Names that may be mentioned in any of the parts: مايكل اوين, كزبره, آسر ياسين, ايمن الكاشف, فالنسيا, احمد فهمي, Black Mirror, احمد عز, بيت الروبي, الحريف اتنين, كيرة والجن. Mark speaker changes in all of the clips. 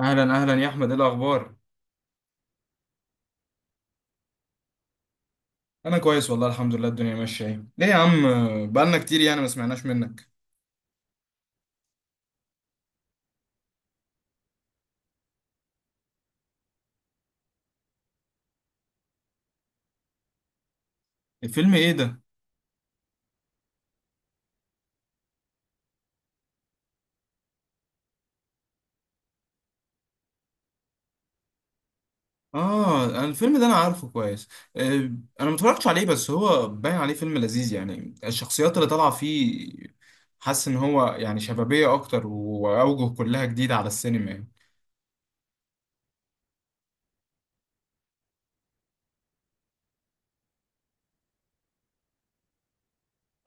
Speaker 1: اهلا اهلا يا احمد، ايه الاخبار؟ انا كويس والله، الحمد لله الدنيا ماشيه. ايه ليه يا عم؟ بقالنا كتير يعني ما سمعناش منك. الفيلم ايه ده؟ اه، أنا الفيلم ده انا عارفه كويس. آه، انا ما اتفرجتش عليه، بس هو باين عليه فيلم لذيذ يعني، الشخصيات اللي طالعه فيه حاسس ان هو يعني شبابيه اكتر، واوجه كلها جديده على السينما يعني.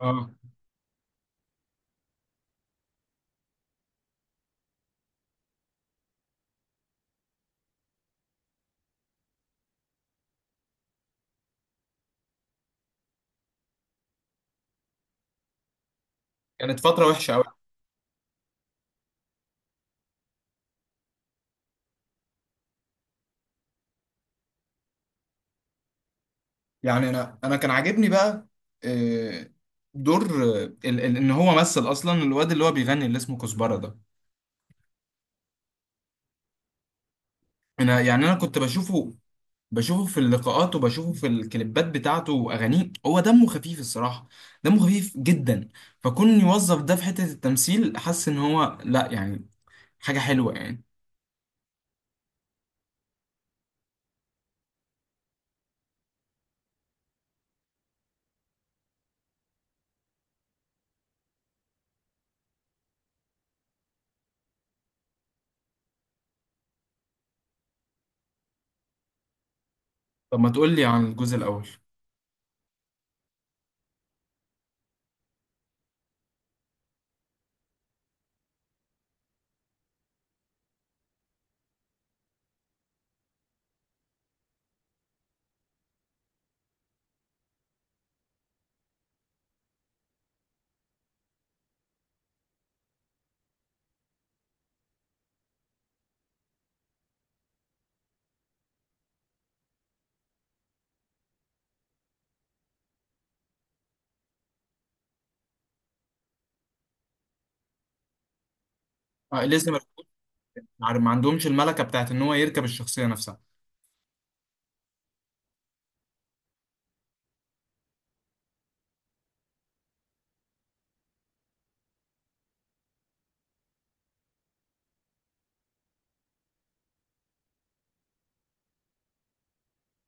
Speaker 1: اه، كانت فتره وحشه قوي. يعني انا كان عاجبني بقى آه، دور آه، ان هو مثل اصلا الواد اللي هو بيغني اللي اسمه كزبره ده. انا يعني كنت بشوفه في اللقاءات، وبشوفه في الكليبات بتاعته واغانيه. هو دمه خفيف الصراحه، دمه خفيف جدا. فكون يوظف ده في حته التمثيل، حاسس ان هو لا يعني حاجه حلوه يعني. طب ما تقول لي عن الجزء الاول. آه لسه ما عندهمش الملكه بتاعت ان هو يركب الشخصيه نفسها.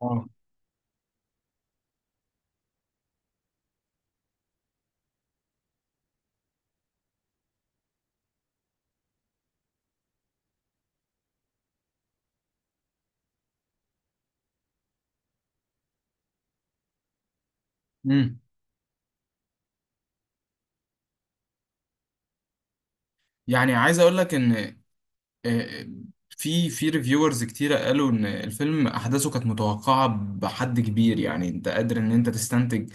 Speaker 1: اه. امم. يعني عايز اقول لك ان آه، آه، في ريفيورز كتيرة قالوا ان الفيلم احداثه كانت متوقعة بحد كبير. يعني انت قادر ان انت تستنتج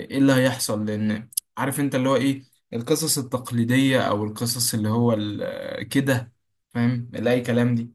Speaker 1: ايه اللي هيحصل، لان عارف انت اللي هو ايه، القصص التقليدية او القصص اللي هو ال- آه، كده، فاهم اللي اي كلام دي.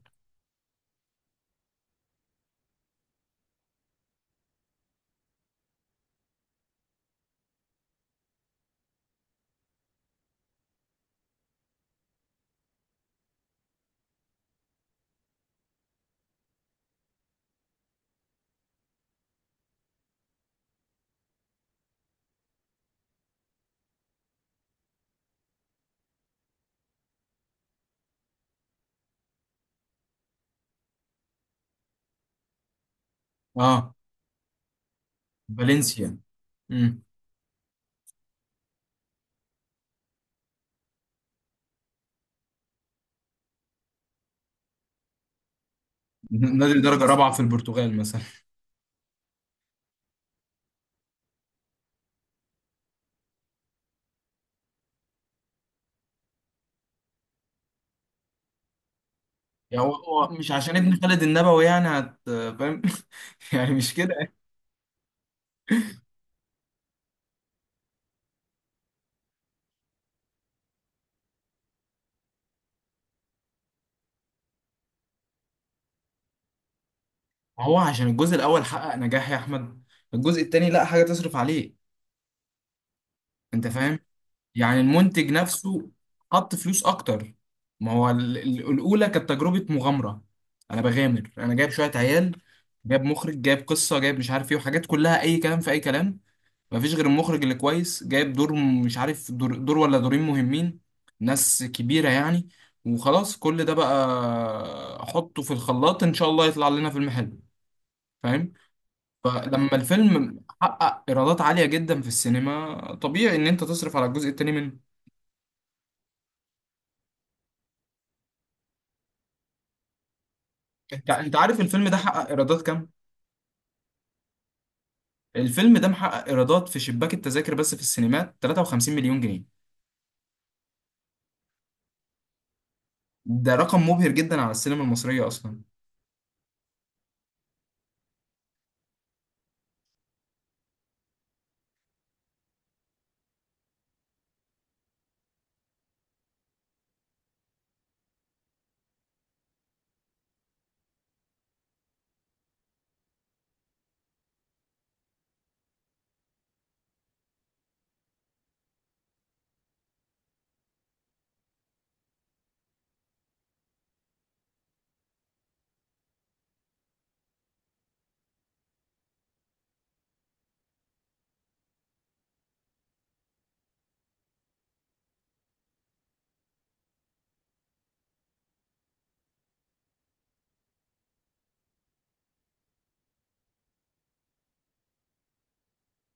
Speaker 1: اه. فالنسيا. امم. نادي الدرجة الرابعة في البرتغال مثلا. يعني هو مش عشان ابن خالد النبوي يعني هت، فاهم؟ يعني مش كده. هو عشان الجزء الاول حقق نجاح يا احمد، الجزء التاني لا حاجة تصرف عليه. انت فاهم؟ يعني المنتج نفسه حط فلوس اكتر. ما هو الاولى كانت تجربه مغامره. انا بغامر، انا جايب شويه عيال، جايب مخرج، جايب قصه، جايب مش عارف ايه، وحاجات كلها اي كلام في اي كلام. مفيش غير المخرج اللي كويس. جايب دور مش عارف، دور، دور ولا دورين مهمين، ناس كبيره يعني. وخلاص كل ده بقى احطه في الخلاط، ان شاء الله يطلع لنا فيلم حلو. فاهم؟ فلما الفيلم حقق ايرادات عاليه جدا في السينما، طبيعي ان انت تصرف على الجزء التاني منه. انت عارف الفيلم ده حقق ايرادات كام؟ الفيلم ده محقق ايرادات في شباك التذاكر بس في السينمات 53 مليون جنيه. ده رقم مبهر جدا على السينما المصرية اصلا.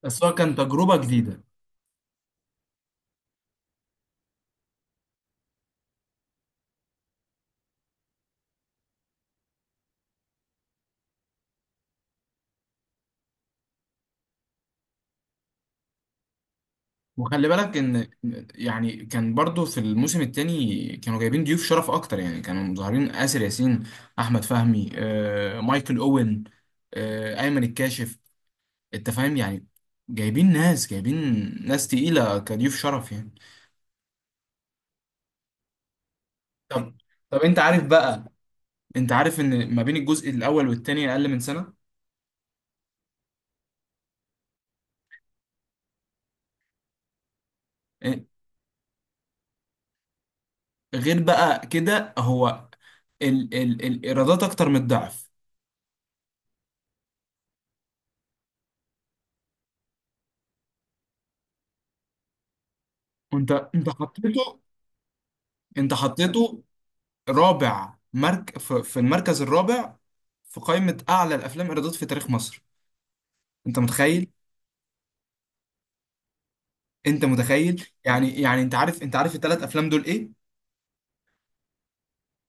Speaker 1: بس هو كان تجربة جديدة. وخلي بالك ان يعني كان برضو في الموسم التاني كانوا جايبين ضيوف شرف اكتر. يعني كانوا مظهرين آسر ياسين، احمد فهمي آه، مايكل اوين، آه، ايمن الكاشف. انت فاهم يعني؟ جايبين ناس، جايبين ناس تقيلة كضيوف شرف يعني. طب طب انت عارف بقى، انت عارف ان ما بين الجزء الاول والتاني اقل من سنة؟ إيه، غير بقى كده هو ال ال الايرادات اكتر من الضعف. وانت حطيته، انت حطيته رابع في في المركز الرابع في قائمة اعلى الافلام ايرادات في تاريخ مصر. انت متخيل؟ انت متخيل؟ يعني انت عارف الثلاث افلام دول ايه؟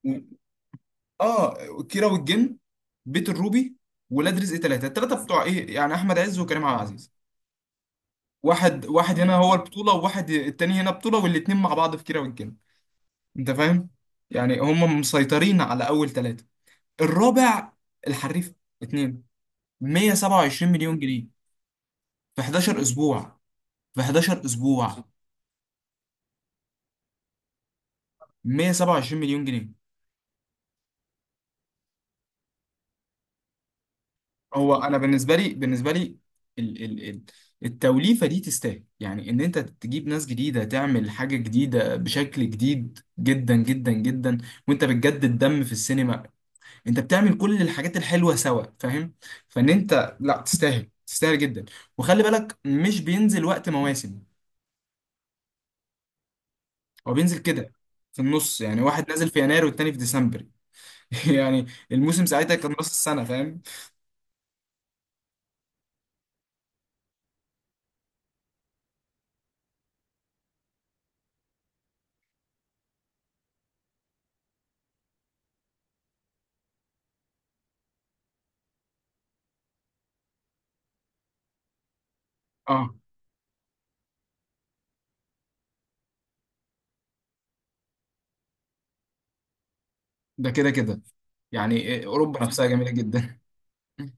Speaker 1: و- اه، كيرة والجن، بيت الروبي، ولاد رزق ثلاثة، الثلاثة بتوع ايه يعني، احمد عز وكريم عبد العزيز. واحد واحد هنا هو البطولة، وواحد التاني هنا بطولة، والاتنين مع بعض في كيرة والجن. انت فاهم؟ يعني هم مسيطرين على اول ثلاثة. الرابع، الحريف اتنين، 127 مليون جنيه في 11 اسبوع، في 11 اسبوع 127 مليون جنيه. هو انا بالنسبة لي، بالنسبة لي ال ال ال التوليفة دي تستاهل يعني ان انت تجيب ناس جديدة، تعمل حاجة جديدة بشكل جديد جدا جدا جدا. وانت بتجدد دم في السينما، انت بتعمل كل الحاجات الحلوه سوا، فاهم؟ فان انت لا تستاهل، تستاهل جدا. وخلي بالك مش بينزل وقت مواسم، هو بينزل كده في النص. يعني واحد نازل في يناير والتاني في ديسمبر. يعني الموسم ساعتها كان نص السنه، فاهم؟ اه، ده كده كده. يعني اوروبا نفسها جميله جدا.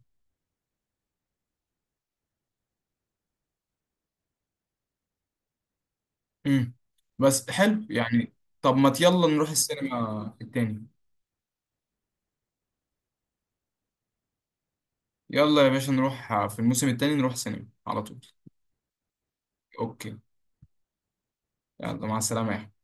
Speaker 1: امم. بس حلو يعني. طب ما يلا نروح السينما التاني. يلا يا باشا، نروح في الموسم التاني، نروح السينما على طول. اوكي، يلا مع السلامه يا